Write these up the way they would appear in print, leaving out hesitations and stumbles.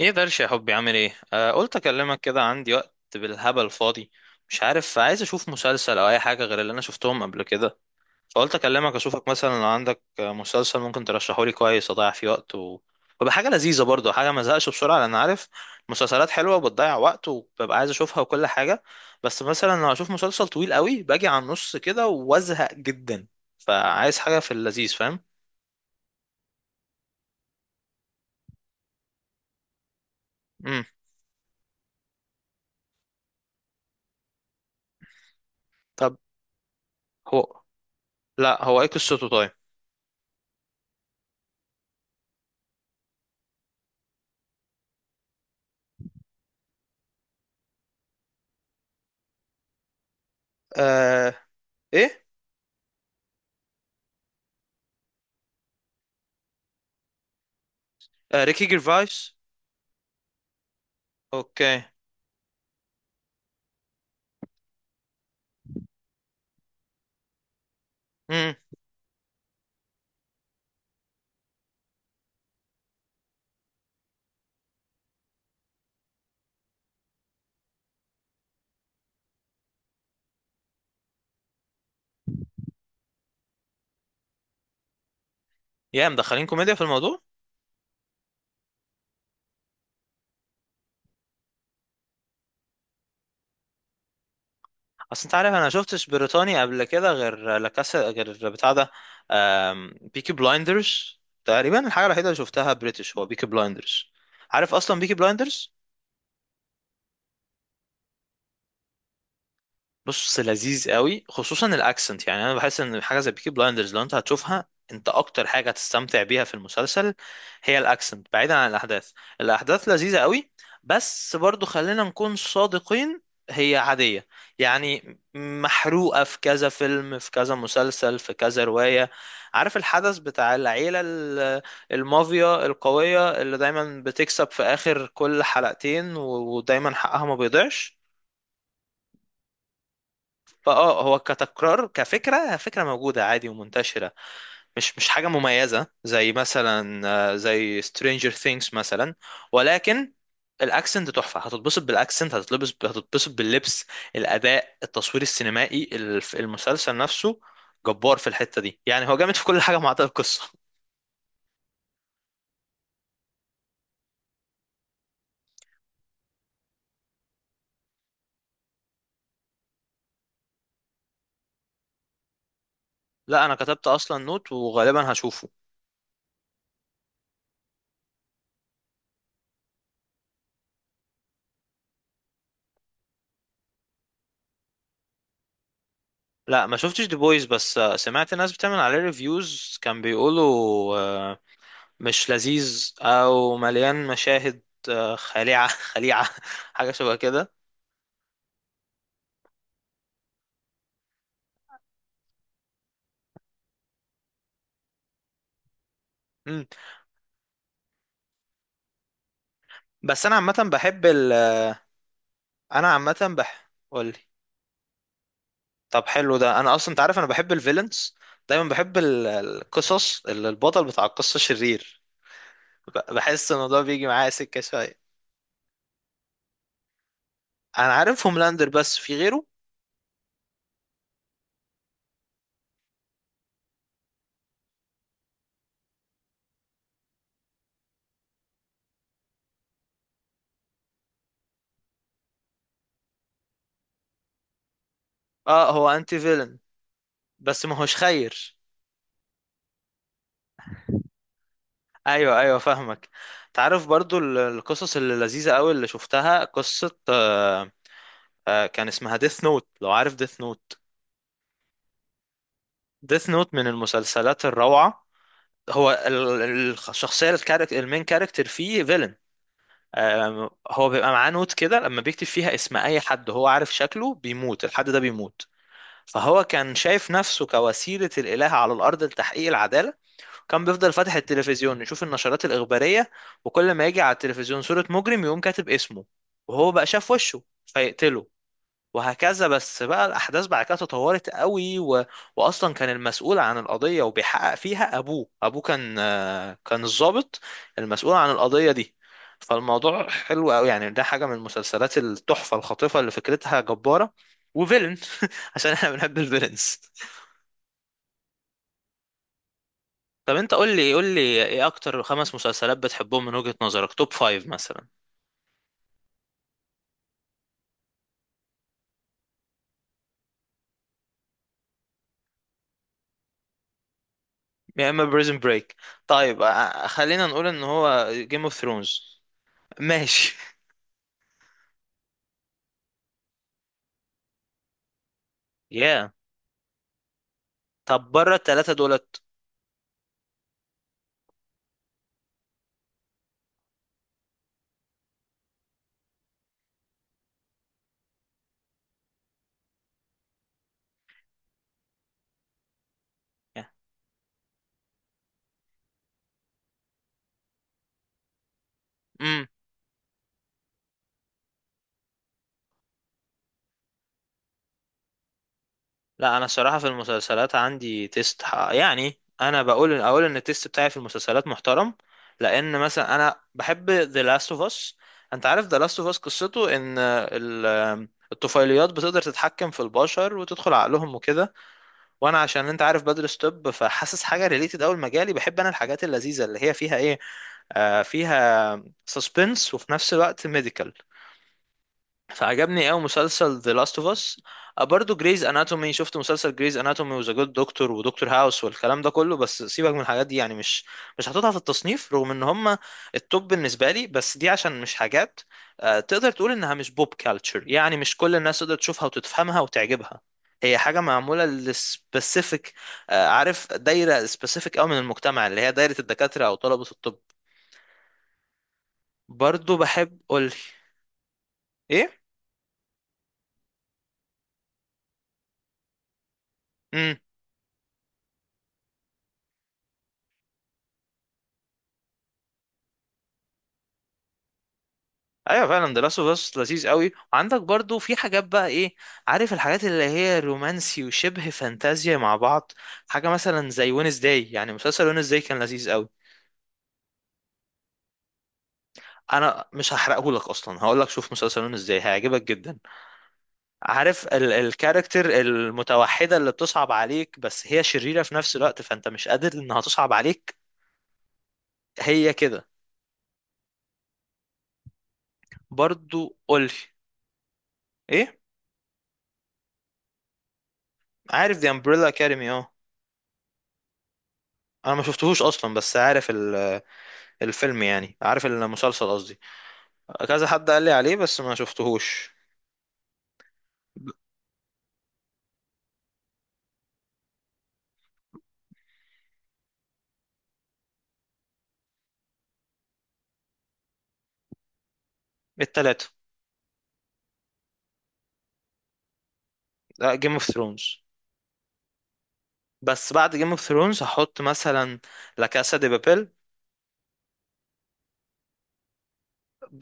ايه درش يا حبي، عامل ايه؟ قلت اكلمك كده، عندي وقت بالهبل فاضي. مش عارف، عايز اشوف مسلسل او اي حاجه غير اللي انا شفتهم قبل كده. فقلت اكلمك اشوفك مثلا لو عندك مسلسل ممكن ترشحه لي كويس اضيع فيه وقت ويبقى حاجه لذيذه، برضه حاجه ما ازهقش بسرعه، لان عارف مسلسلات حلوه وبتضيع وقت وببقى عايز اشوفها وكل حاجه. بس مثلا لو اشوف مسلسل طويل قوي باجي على النص كده وازهق جدا، فعايز حاجه في اللذيذ فاهم. امم. طب. هو لا، هو ايه قصته؟ طيب. آه... ايه؟ آه، ريكي جيرفايس. اوكي. امم. يا مدخلين كوميديا في الموضوع. اصل انت عارف انا شفتش بريطاني قبل كده غير لكاسا، غير بتاع ده، بيكي بلايندرز تقريبا الحاجه الوحيده اللي شفتها بريتش، هو بيكي بلايندرز. عارف اصلا بيكي بلايندرز. بص، لذيذ قوي خصوصا الاكسنت. يعني انا بحس ان حاجه زي بيكي بلايندرز لو انت هتشوفها، انت اكتر حاجه هتستمتع بيها في المسلسل هي الاكسنت، بعيدا عن الاحداث. الاحداث لذيذه قوي، بس برضو خلينا نكون صادقين، هي عاديه. يعني محروقه في كذا فيلم، في كذا مسلسل، في كذا روايه. عارف الحدث بتاع العيله المافيا القويه اللي دايما بتكسب في اخر كل حلقتين ودايما حقها ما بيضيعش. فاه، هو كتكرار كفكره، فكره موجوده عادي ومنتشره، مش حاجه مميزه زي مثلا زي Stranger Things مثلا. ولكن الاكسنت تحفه، هتتبسط بالاكسنت، هتتلبس، هتتبسط باللبس، الاداء، التصوير السينمائي، المسلسل نفسه جبار في الحته دي. يعني هو جامد في كل حاجه ما عدا القصه. لا، انا كتبت اصلا نوت وغالبا هشوفه. لا ما شفتش دي بويز، بس سمعت ناس بتعمل عليه ريفيوز كان بيقولوا آه، مش لذيذ او مليان مشاهد خليعه. خليعه، حاجه شبه كده. مم. بس انا عامه بحب انا عامه بح، قولي. طب حلو ده. انا اصلا انت عارف انا بحب الفيلنز، دايما بحب القصص اللي البطل بتاع القصه شرير. بحس ان الموضوع بيجي معايا سكه شويه. انا عارف هوملاندر بس في غيره. اه، هو انتي فيلن بس ما هوش خير. ايوه، ايوه، فاهمك. تعرف برضو القصص اللي لذيذه قوي، اللي شفتها قصه كان اسمها ديث نوت، لو عارف ديث نوت. ديث نوت من المسلسلات الروعة. هو الشخصية، الكاركتر المين كاركتر فيه فيلن. آم، هو بيبقى معاه نوت كده، لما بيكتب فيها اسم أي حد هو عارف شكله بيموت، الحد ده بيموت. فهو كان شايف نفسه كوسيلة الإله على الأرض لتحقيق العدالة. كان بيفضل فاتح التلفزيون يشوف النشرات الإخبارية، وكل ما يجي على التلفزيون صورة مجرم يقوم كاتب اسمه، وهو بقى شاف وشه فيقتله، وهكذا. بس بقى الأحداث بعد كده تطورت قوي وأصلا كان المسؤول عن القضية وبيحقق فيها أبوه، أبوه كان كان الضابط المسؤول عن القضية دي. فالموضوع حلو قوي يعني، ده حاجة من مسلسلات التحفة الخاطفة اللي فكرتها جبارة، وفيلن، عشان احنا بنحب الفيلنز. طب انت قول لي قول لي ايه اكتر خمس مسلسلات بتحبهم من وجهة نظرك، توب فايف مثلا. يا اما بريزن بريك. طيب خلينا نقول ان هو جيم اوف ثرونز. ماشي. يا. طب بره التلاتة دولت. امم. لا، انا الصراحه في المسلسلات عندي تيست يعني انا بقول، اقول ان التيست بتاعي في المسلسلات محترم. لان مثلا انا بحب The Last of Us. انت عارف The Last of Us قصته ان الطفيليات بتقدر تتحكم في البشر وتدخل عقلهم وكده. وانا عشان انت عارف بدرس طب، فحاسس حاجه ريليتد قوي لمجالي. بحب انا الحاجات اللذيذه اللي هي فيها ايه، آه، فيها سسبنس وفي نفس الوقت ميديكال. فعجبني قوي مسلسل The Last of Us. برضو جريز اناتومي، شفت مسلسل جريز اناتومي وذا جود دكتور ودكتور هاوس والكلام ده كله. بس سيبك من الحاجات دي يعني، مش هحطها في التصنيف رغم ان هم التوب بالنسبه لي، بس دي عشان مش حاجات تقدر تقول انها مش بوب كالتشر. يعني مش كل الناس تقدر تشوفها وتفهمها وتعجبها، هي حاجه معموله للسبيسيفيك. عارف دايره سبيسيفيك قوي من المجتمع، اللي هي دايره الدكاتره او طلبه الطب. برضو بحب قول. ايه؟ ايوه فعلا، ده لاست اوف اس لذيذ قوي. وعندك برضو في حاجات بقى ايه، عارف الحاجات اللي هي رومانسي وشبه فانتازيا مع بعض. حاجه مثلا زي وينز داي، يعني مسلسل وينز داي كان لذيذ قوي. انا مش هحرقه لك، اصلا هقول لك شوف مسلسل وينز داي هيعجبك جدا. عارف ال الكاركتر المتوحده اللي بتصعب عليك بس هي شريره في نفس الوقت، فانت مش قادر انها تصعب عليك. هي كده. برضو قولي. ايه؟ عارف دي امبريلا اكاديمي، اه. انا ما شفتهوش اصلا بس عارف الفيلم، يعني عارف المسلسل قصدي. كذا حد قال لي عليه بس ما شفتهوش. التلاتة. جيم اوف ثرونز. بس بعد جيم اوف ثرونز هحط مثلا لا كاسا دي بابيل.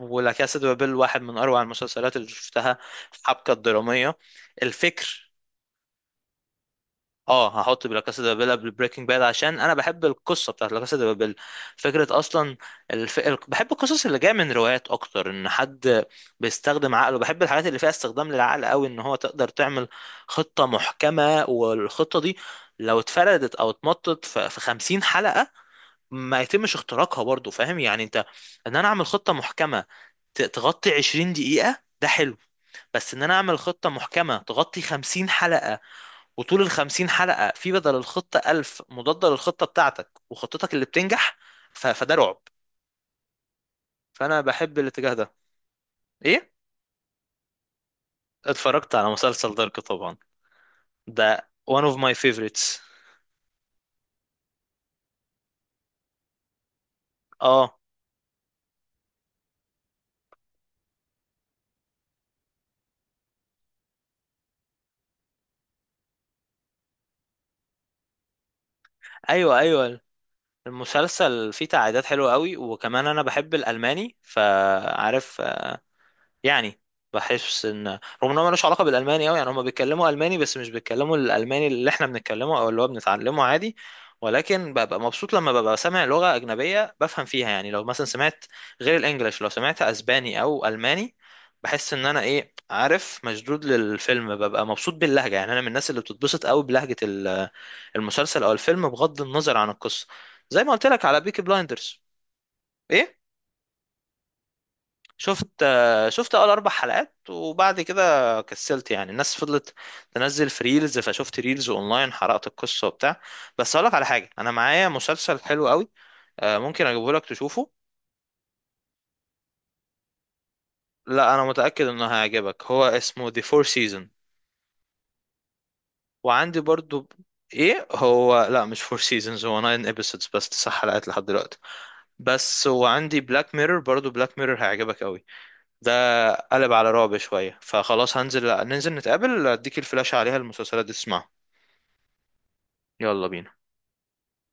ولا كاسا دي بابيل واحد من اروع المسلسلات اللي شفتها، الحبكة الدرامية، الفكر. اه، هحط لا كاسا دي بابيل قبل بريكنج باد عشان انا بحب القصه بتاعت لا كاسا دي بابيل، فكره اصلا. بحب القصص اللي جايه من روايات اكتر، ان حد بيستخدم عقله. بحب الحاجات اللي فيها استخدام للعقل قوي، ان هو تقدر تعمل خطه محكمه، والخطه دي لو اتفردت او اتمطت في 50 حلقه ما يتمش اختراقها. برضو فاهم يعني انت، ان انا اعمل خطه محكمه تغطي 20 دقيقه، ده حلو. بس ان انا اعمل خطه محكمه تغطي 50 حلقه، وطول ال 50 حلقة في بدل الخطة 1000 مضادة للخطة بتاعتك، وخطتك اللي بتنجح، فده رعب. فأنا بحب الاتجاه ده. إيه؟ اتفرجت على مسلسل دارك طبعا، ده one of my favorites. اه. ايوه، ايوه. المسلسل فيه تعقيدات حلوة قوي، وكمان انا بحب الالماني، فعارف يعني بحس ان رغم ان هو ملوش علاقه بالالماني قوي، يعني هم بيتكلموا الماني بس مش بيتكلموا الالماني اللي احنا بنتكلمه او اللي هو بنتعلمه عادي. ولكن ببقى مبسوط لما ببقى سامع لغه اجنبيه بفهم فيها. يعني لو مثلا سمعت غير الانجليش، لو سمعت اسباني او الماني، بحس ان انا ايه، عارف، مشدود للفيلم، ببقى مبسوط باللهجه. يعني انا من الناس اللي بتتبسط قوي بلهجه المسلسل او الفيلم، بغض النظر عن القصه. زي ما قلت لك على بيكي بلايندرز. ايه؟ شفت شفت اول اربع حلقات وبعد كده كسلت. يعني الناس فضلت تنزل في ريلز، فشفت ريلز اونلاين حرقت القصه وبتاع. بس اقول لك على حاجه، انا معايا مسلسل حلو قوي، ممكن اجيبه لك تشوفه. لا، انا متاكد انه هيعجبك، هو اسمه The Four Seasons. وعندي برضو. ايه هو؟ لا مش فور سيزونز، هو 9 episodes بس، 9 حلقات لحد دلوقتي بس. وعندي بلاك ميرور برضو، بلاك ميرور هيعجبك قوي. ده قلب على رعب شوية، فخلاص هنزل، ننزل نتقابل، اديك الفلاش عليها المسلسلات دي تسمعها. يلا بينا.